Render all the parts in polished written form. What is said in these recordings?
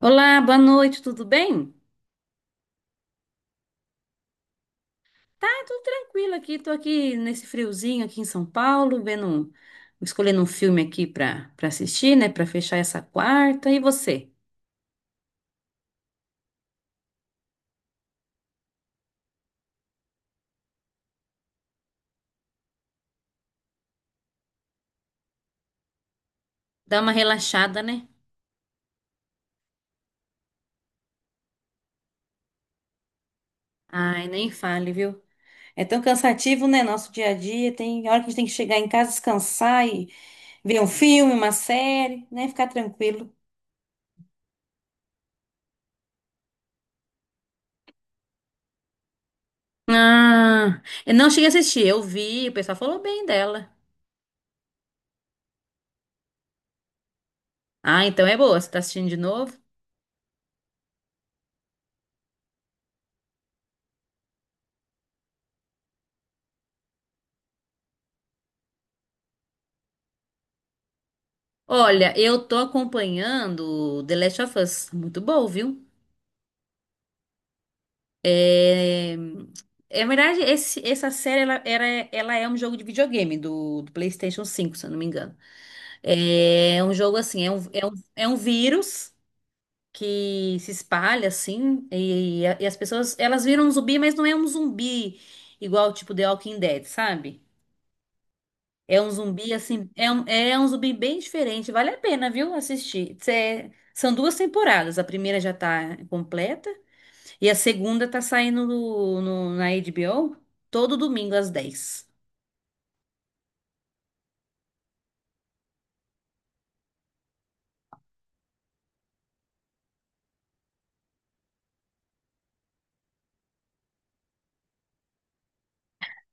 Olá, boa noite, tudo bem? Tá, tudo tranquilo aqui. Tô aqui nesse friozinho aqui em São Paulo, vendo, escolhendo um filme aqui pra para assistir, né, pra fechar essa quarta. E você? Dá uma relaxada, né? Ai, nem fale, viu? É tão cansativo, né, nosso dia a dia. Tem hora que a gente tem que chegar em casa, descansar e ver um filme, uma série, né, ficar tranquilo. Ah, eu não cheguei a assistir, eu vi, o pessoal falou bem dela. Ah, então é boa. Você tá assistindo de novo? Olha, eu tô acompanhando The Last of Us. Muito bom, viu? É, é verdade, essa série ela é um jogo de videogame do PlayStation cinco, se eu não me engano. É um jogo assim, é um vírus que se espalha assim e as pessoas elas viram um zumbi, mas não é um zumbi igual tipo The Walking Dead, sabe? É um zumbi assim, é um zumbi bem diferente. Vale a pena, viu, assistir. É, são duas temporadas. A primeira já tá completa e a segunda tá saindo na HBO todo domingo às 10.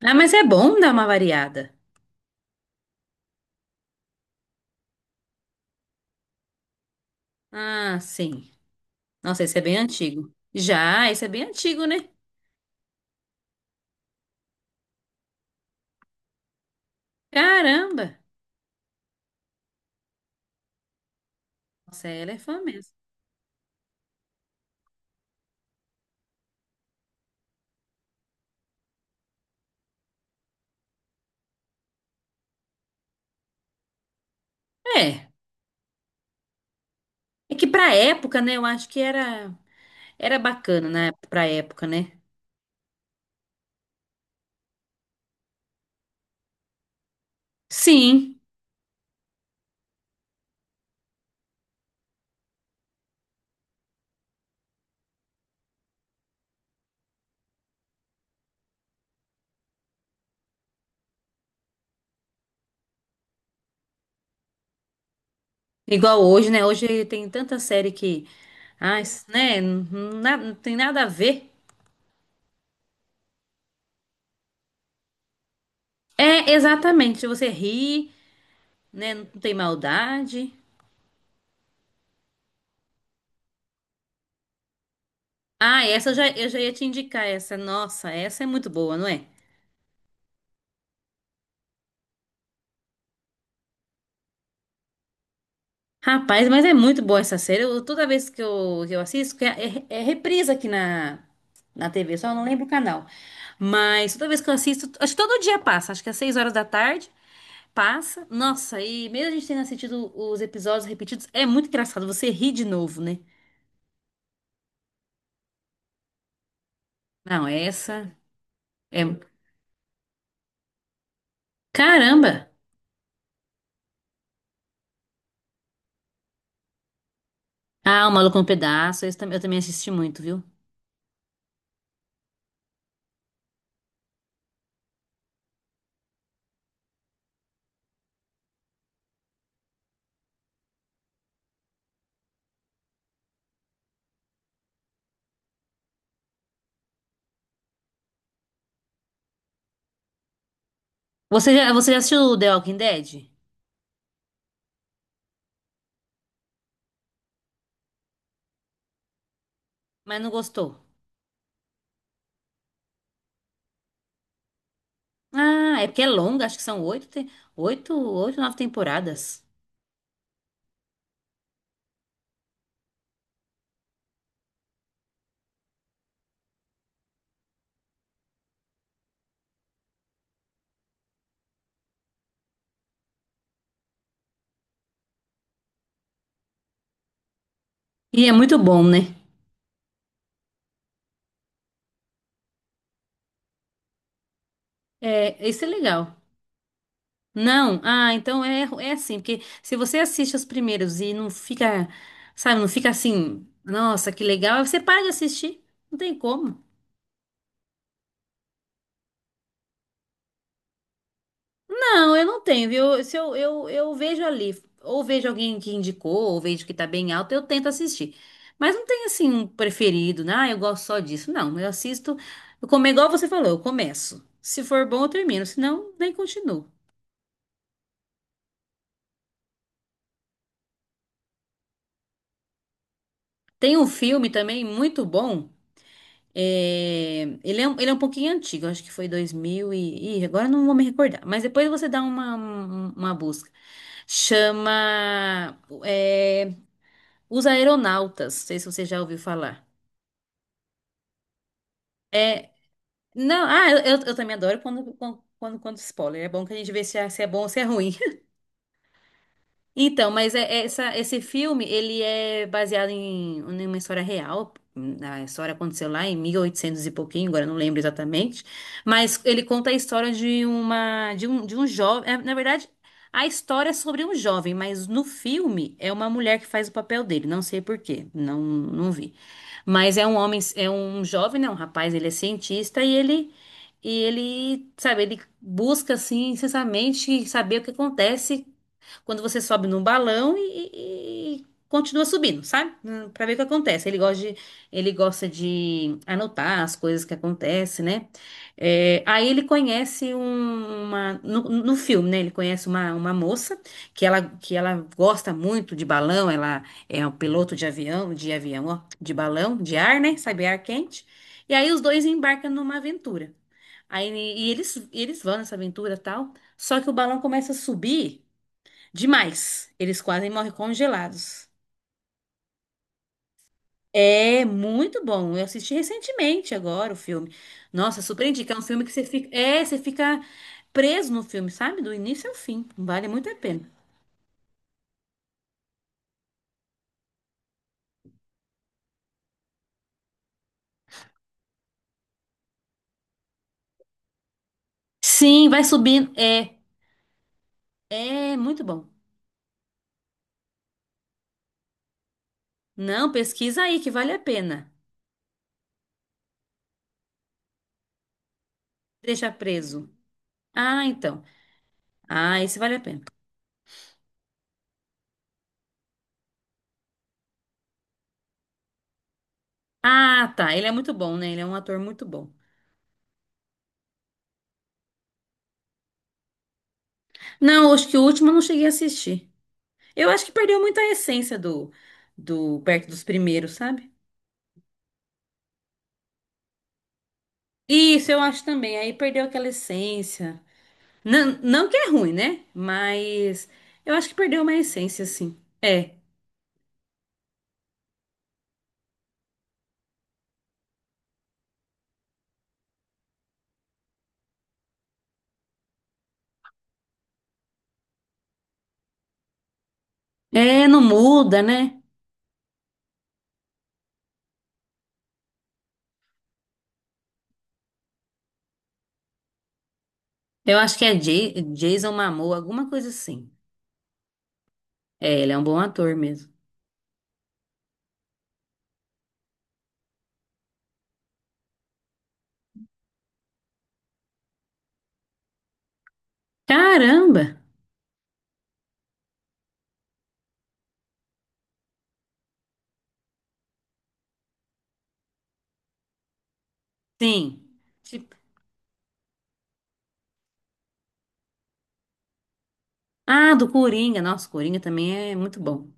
Ah, mas é bom dar uma variada. Ah, sim. Nossa, esse é bem antigo. Já, esse é bem antigo, né? Caramba. Nossa, ela é fã mesmo. É, é que pra época, né, eu acho que era bacana, né, pra época, né? Sim. Igual hoje, né? Hoje tem tanta série que, ah, isso, né? Não, não tem nada a ver. É, exatamente. Você ri, né? Não tem maldade. Ah, essa eu já ia te indicar essa. Nossa, essa é muito boa, não é? Rapaz, mas é muito boa essa série. Toda vez que eu assisto, é reprise aqui na TV, só eu não lembro o canal. Mas toda vez que eu assisto, acho que todo dia passa, acho que às 6 horas da tarde passa. Nossa, e mesmo a gente tendo assistido os episódios repetidos, é muito engraçado. Você ri de novo, né? Não, essa é. Um. Caramba! Ah, O Maluco no Pedaço. Esse eu também assisti muito, viu? Você já assistiu The Walking Dead? Mas não gostou? Ah, é porque é longa, acho que são oito, nove temporadas. E é muito bom, né? É, isso é legal. Não, ah, então é, é assim, porque se você assiste os primeiros e não fica, sabe, não fica assim, nossa, que legal, você para de assistir, não tem como. Não, eu não tenho, viu? Se eu, eu vejo ali, ou vejo alguém que indicou, ou vejo que tá bem alto, eu tento assistir. Mas não tem assim um preferido, né? Ah, eu gosto só disso. Não, eu assisto, eu como igual você falou, eu começo. Se for bom, eu termino, se não, nem continuo. Tem um filme também muito bom. É, ele é um pouquinho antigo, acho que foi 2000 e, ih, agora eu não vou me recordar, mas depois você dá uma, uma busca. Chama, é, Os Aeronautas, não sei se você já ouviu falar. É, não, ah, eu, eu também adoro quando, spoiler, é bom que a gente vê se é, se é bom ou se é ruim. Então, mas é essa, esse filme, ele é baseado em, em uma história real. A história aconteceu lá em 1800 e oitocentos e pouquinho, agora eu não lembro exatamente. Mas ele conta a história de uma, de um jovem. É, na verdade, a história é sobre um jovem, mas no filme é uma mulher que faz o papel dele. Não sei por quê, não, não vi. Mas é um homem, é um jovem, né? Um rapaz, ele é cientista e ele, sabe, ele busca assim, incessantemente saber o que acontece quando você sobe no balão e- continua subindo, sabe? Pra ver o que acontece. Ele gosta ele gosta de anotar as coisas que acontecem, né? É, aí ele conhece um- uma no, no filme, né? Ele conhece uma moça que ela gosta muito de balão. Ela é um piloto de balão, de ar, né? Sabe, ar quente. E aí os dois embarcam numa aventura. Aí, e eles vão nessa aventura e tal. Só que o balão começa a subir. Demais. Eles quase morrem congelados. É muito bom. Eu assisti recentemente agora o filme. Nossa, super indica. É um filme que você fica, é, você fica preso no filme, sabe? Do início ao fim. Vale muito a pena. Sim, vai subindo. É, é muito bom. Não, pesquisa aí que vale a pena. Deixa preso. Ah, então. Ah, esse vale a pena. Ah, tá. Ele é muito bom, né? Ele é um ator muito bom. Não, acho que o último eu não cheguei a assistir. Eu acho que perdeu muito a essência do perto dos primeiros, sabe? Isso, eu acho também. Aí perdeu aquela essência. Não, não que é ruim, né? Mas eu acho que perdeu uma essência, assim. É. É, não muda, né? Eu acho que é Jason Momoa, alguma coisa assim. É, ele é um bom ator mesmo. Caramba! Sim. Tipo, ah, do Coringa. Nossa, Coringa também é muito bom.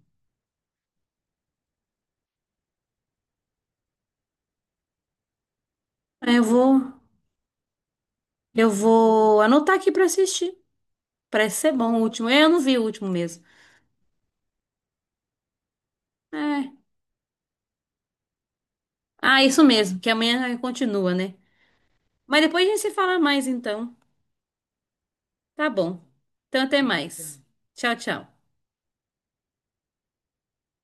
Ah, eu vou, eu vou anotar aqui pra assistir. Parece ser bom o último. É, eu não vi o último mesmo. É. Ah, isso mesmo, que amanhã continua, né? Mas depois a gente se fala mais então. Tá bom. Então até mais. Tchau, tchau.